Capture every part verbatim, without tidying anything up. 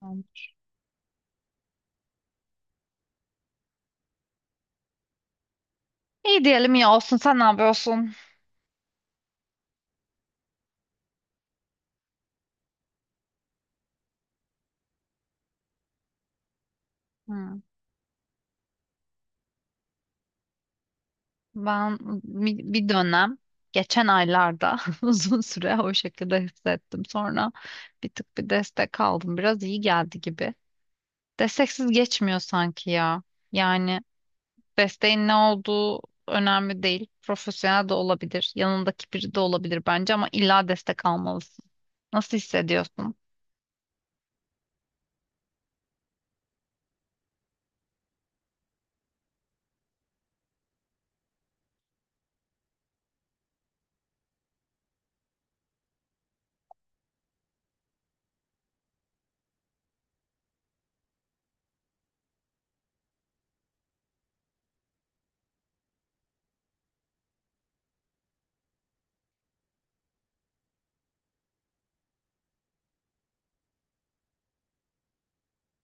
Tamam. İyi diyelim ya olsun sen ne yapıyorsun? Hmm. Ben bi- bir dönem geçen aylarda uzun süre o şekilde hissettim. Sonra bir tık bir destek aldım. Biraz iyi geldi gibi. Desteksiz geçmiyor sanki ya. Yani desteğin ne olduğu önemli değil. Profesyonel de olabilir. Yanındaki biri de olabilir bence ama illa destek almalısın. Nasıl hissediyorsun?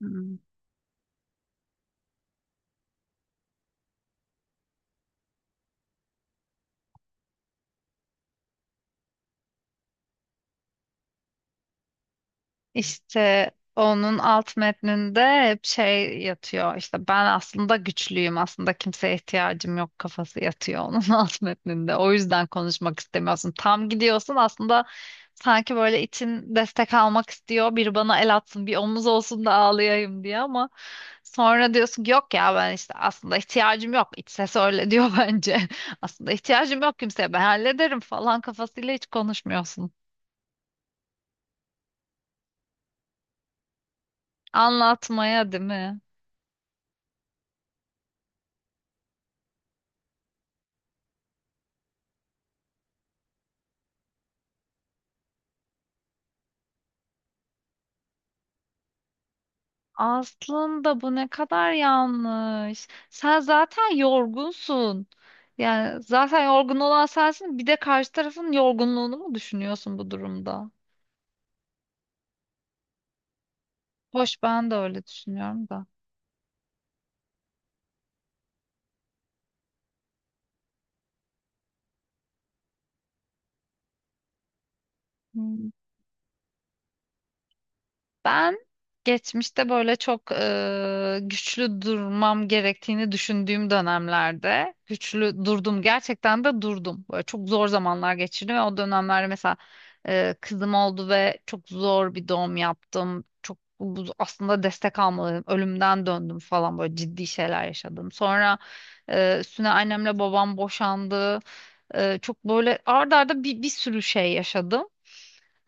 Hmm. İşte onun alt metninde hep şey yatıyor: İşte ben aslında güçlüyüm, aslında kimseye ihtiyacım yok kafası yatıyor onun alt metninde. O yüzden konuşmak istemiyorsun, tam gidiyorsun aslında, sanki böyle için destek almak istiyor, bir bana el atsın bir omuz olsun da ağlayayım diye, ama sonra diyorsun ki yok ya ben işte aslında ihtiyacım yok. İç ses öyle diyor bence aslında ihtiyacım yok kimseye, ben hallederim falan kafasıyla hiç konuşmuyorsun, anlatmaya, değil mi? Aslında bu ne kadar yanlış. Sen zaten yorgunsun. Yani zaten yorgun olan sensin. Bir de karşı tarafın yorgunluğunu mu düşünüyorsun bu durumda? Hoş ben de öyle düşünüyorum da. Hmm. Ben geçmişte böyle çok e, güçlü durmam gerektiğini düşündüğüm dönemlerde güçlü durdum. Gerçekten de durdum. Böyle çok zor zamanlar geçirdim ve o dönemlerde mesela e, kızım oldu ve çok zor bir doğum yaptım. Çok bu- aslında destek almalıydım. Ölümden döndüm falan böyle ciddi şeyler yaşadım. Sonra e, üstüne annemle babam boşandı. E, çok böyle ard arda bir, bir sürü şey yaşadım.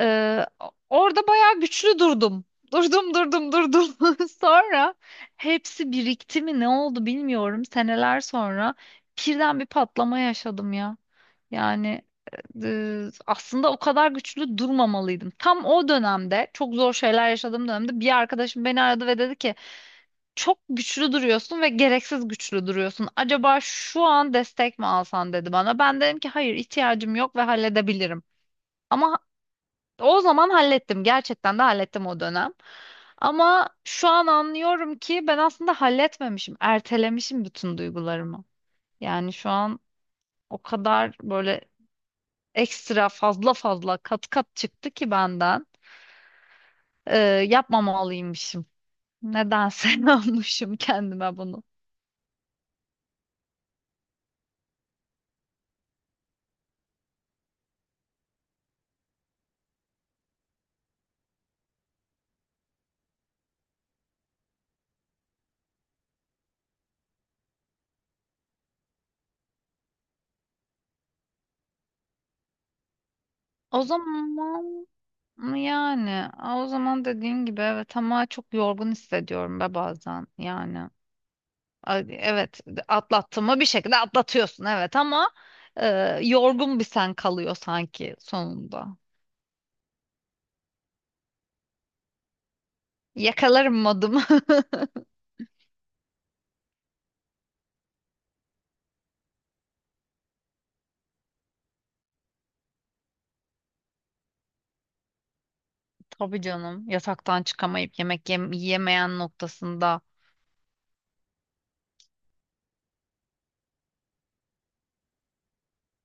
Ee, Orada bayağı güçlü durdum. Durdum durdum durdum. Sonra hepsi birikti mi ne oldu bilmiyorum. Seneler sonra birden bir patlama yaşadım ya. Yani e, aslında o kadar güçlü durmamalıydım. Tam o dönemde çok zor şeyler yaşadığım dönemde bir arkadaşım beni aradı ve dedi ki çok güçlü duruyorsun ve gereksiz güçlü duruyorsun. Acaba şu an destek mi alsan dedi bana. Ben dedim ki hayır ihtiyacım yok ve halledebilirim. Ama o zaman hallettim. Gerçekten de hallettim o dönem. Ama şu an anlıyorum ki ben aslında halletmemişim. Ertelemişim bütün duygularımı. Yani şu an o kadar böyle ekstra fazla fazla kat kat çıktı ki benden. Ee, yapmamalıymışım. Nedense yapmışım kendime bunu. O zaman yani o zaman dediğin gibi evet ama çok yorgun hissediyorum be bazen yani. Ay, evet, atlattın mı bir şekilde atlatıyorsun, evet, ama e, yorgun bir sen kalıyor sanki sonunda. Yakalarım modumu. Tabii canım. Yataktan çıkamayıp yemek yem- yiyemeyen noktasında.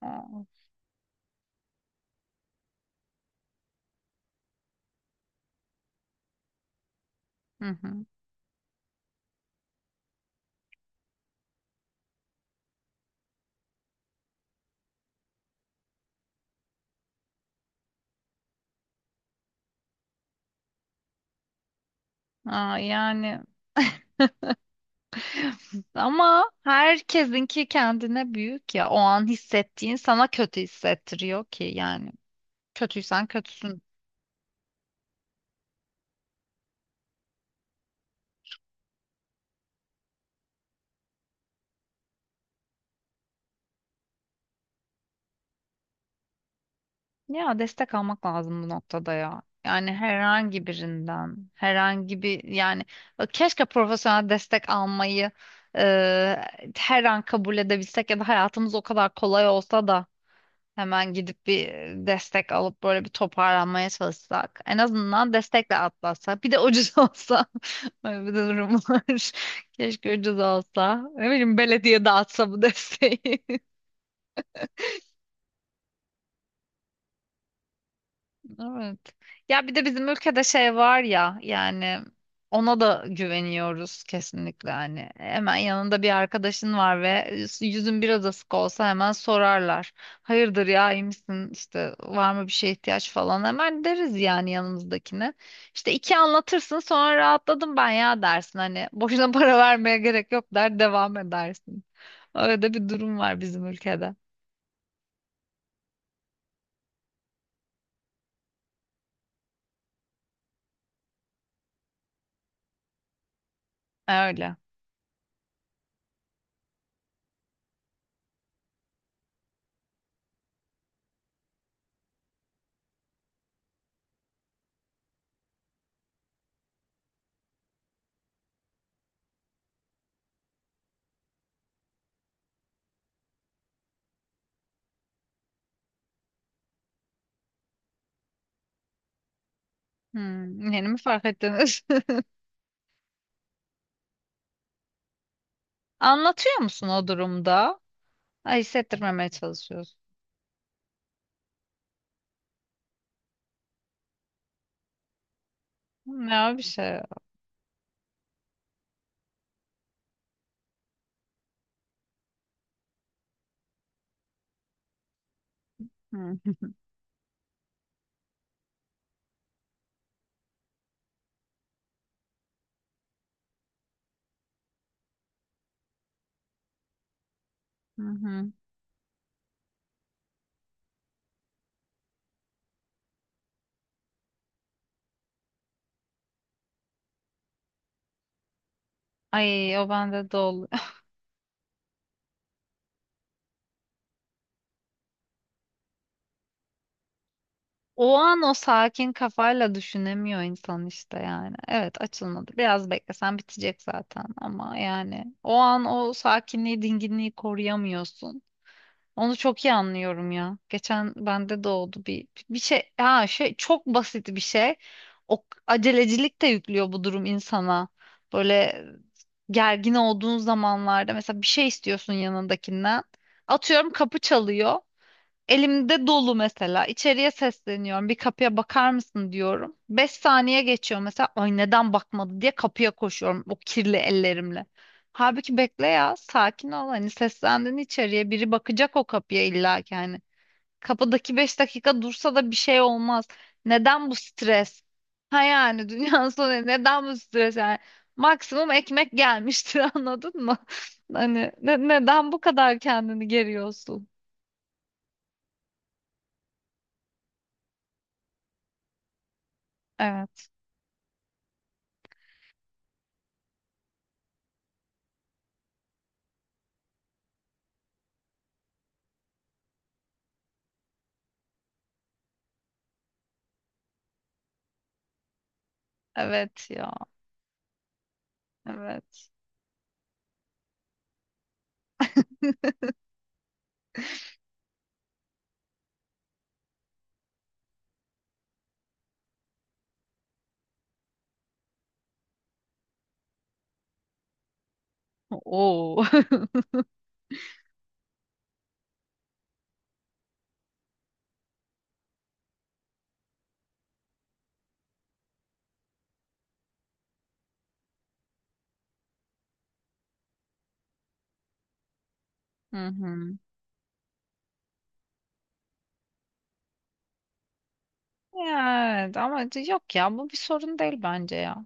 Aa, hı hı. Aa, yani ama herkesinki kendine büyük ya. O an hissettiğin sana kötü hissettiriyor ki yani. Kötüysen kötüsün. Ya destek almak lazım bu noktada ya. Yani herhangi birinden, herhangi bir yani, e, keşke profesyonel destek almayı e, her an kabul edebilsek ya da hayatımız o kadar kolay olsa da hemen gidip bir destek alıp böyle bir toparlanmaya çalışsak. En azından destekle atlatsak. Bir de ucuz olsa. Böyle bir de durum var. Keşke ucuz olsa. Ne bileyim belediye dağıtsa bu desteği. Evet. Ya bir de bizim ülkede şey var ya yani ona da güveniyoruz kesinlikle, hani hemen yanında bir arkadaşın var ve yüzün biraz asık olsa hemen sorarlar. Hayırdır ya, iyi misin işte, var mı bir şeye ihtiyaç falan hemen deriz yani yanımızdakine. İşte iki anlatırsın sonra rahatladım ben ya dersin hani boşuna para vermeye gerek yok der devam edersin. Öyle de bir durum var bizim ülkede. Öyle. Hmm, yeni mi fark ettiniz? Anlatıyor musun o durumda? Ay, hissettirmemeye çalışıyorsun. Ne bir şey. Hı hı. Hı hı. Ay, o bende de oluyor. O an o sakin kafayla düşünemiyor insan işte yani. Evet, açılmadı. Biraz beklesen bitecek zaten ama yani o an o sakinliği, dinginliği koruyamıyorsun. Onu çok iyi anlıyorum ya. Geçen bende de oldu bir bir şey. Ha şey çok basit bir şey. O acelecilik de yüklüyor bu durum insana. Böyle gergin olduğun zamanlarda mesela bir şey istiyorsun yanındakinden. Atıyorum kapı çalıyor. Elimde dolu mesela. İçeriye sesleniyorum. Bir kapıya bakar mısın diyorum. Beş saniye geçiyor mesela. Ay, neden bakmadı diye kapıya koşuyorum o kirli ellerimle. Halbuki bekle ya. Sakin ol. Hani seslendin içeriye. Biri bakacak o kapıya illa ki hani. Kapıdaki beş dakika dursa da bir şey olmaz. Neden bu stres? Ha yani dünyanın sonu, neden bu stres yani? Maksimum ekmek gelmiştir anladın mı? Hani ne- neden bu kadar kendini geriyorsun? Evet. Evet ya. Evet. Oo. Hı hı. Evet ama c- yok ya bu bir sorun değil bence ya.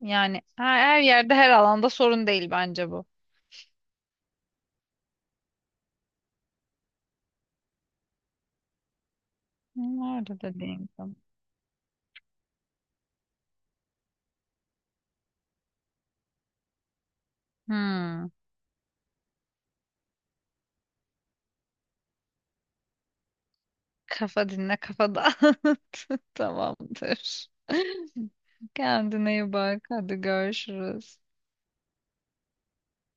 Yani her, her yerde her alanda sorun değil bence bu. Nerede de değil. Tabii. Hmm. Kafa dinle kafa dağıt. Tamamdır. Kendine iyi bak. Hadi görüşürüz.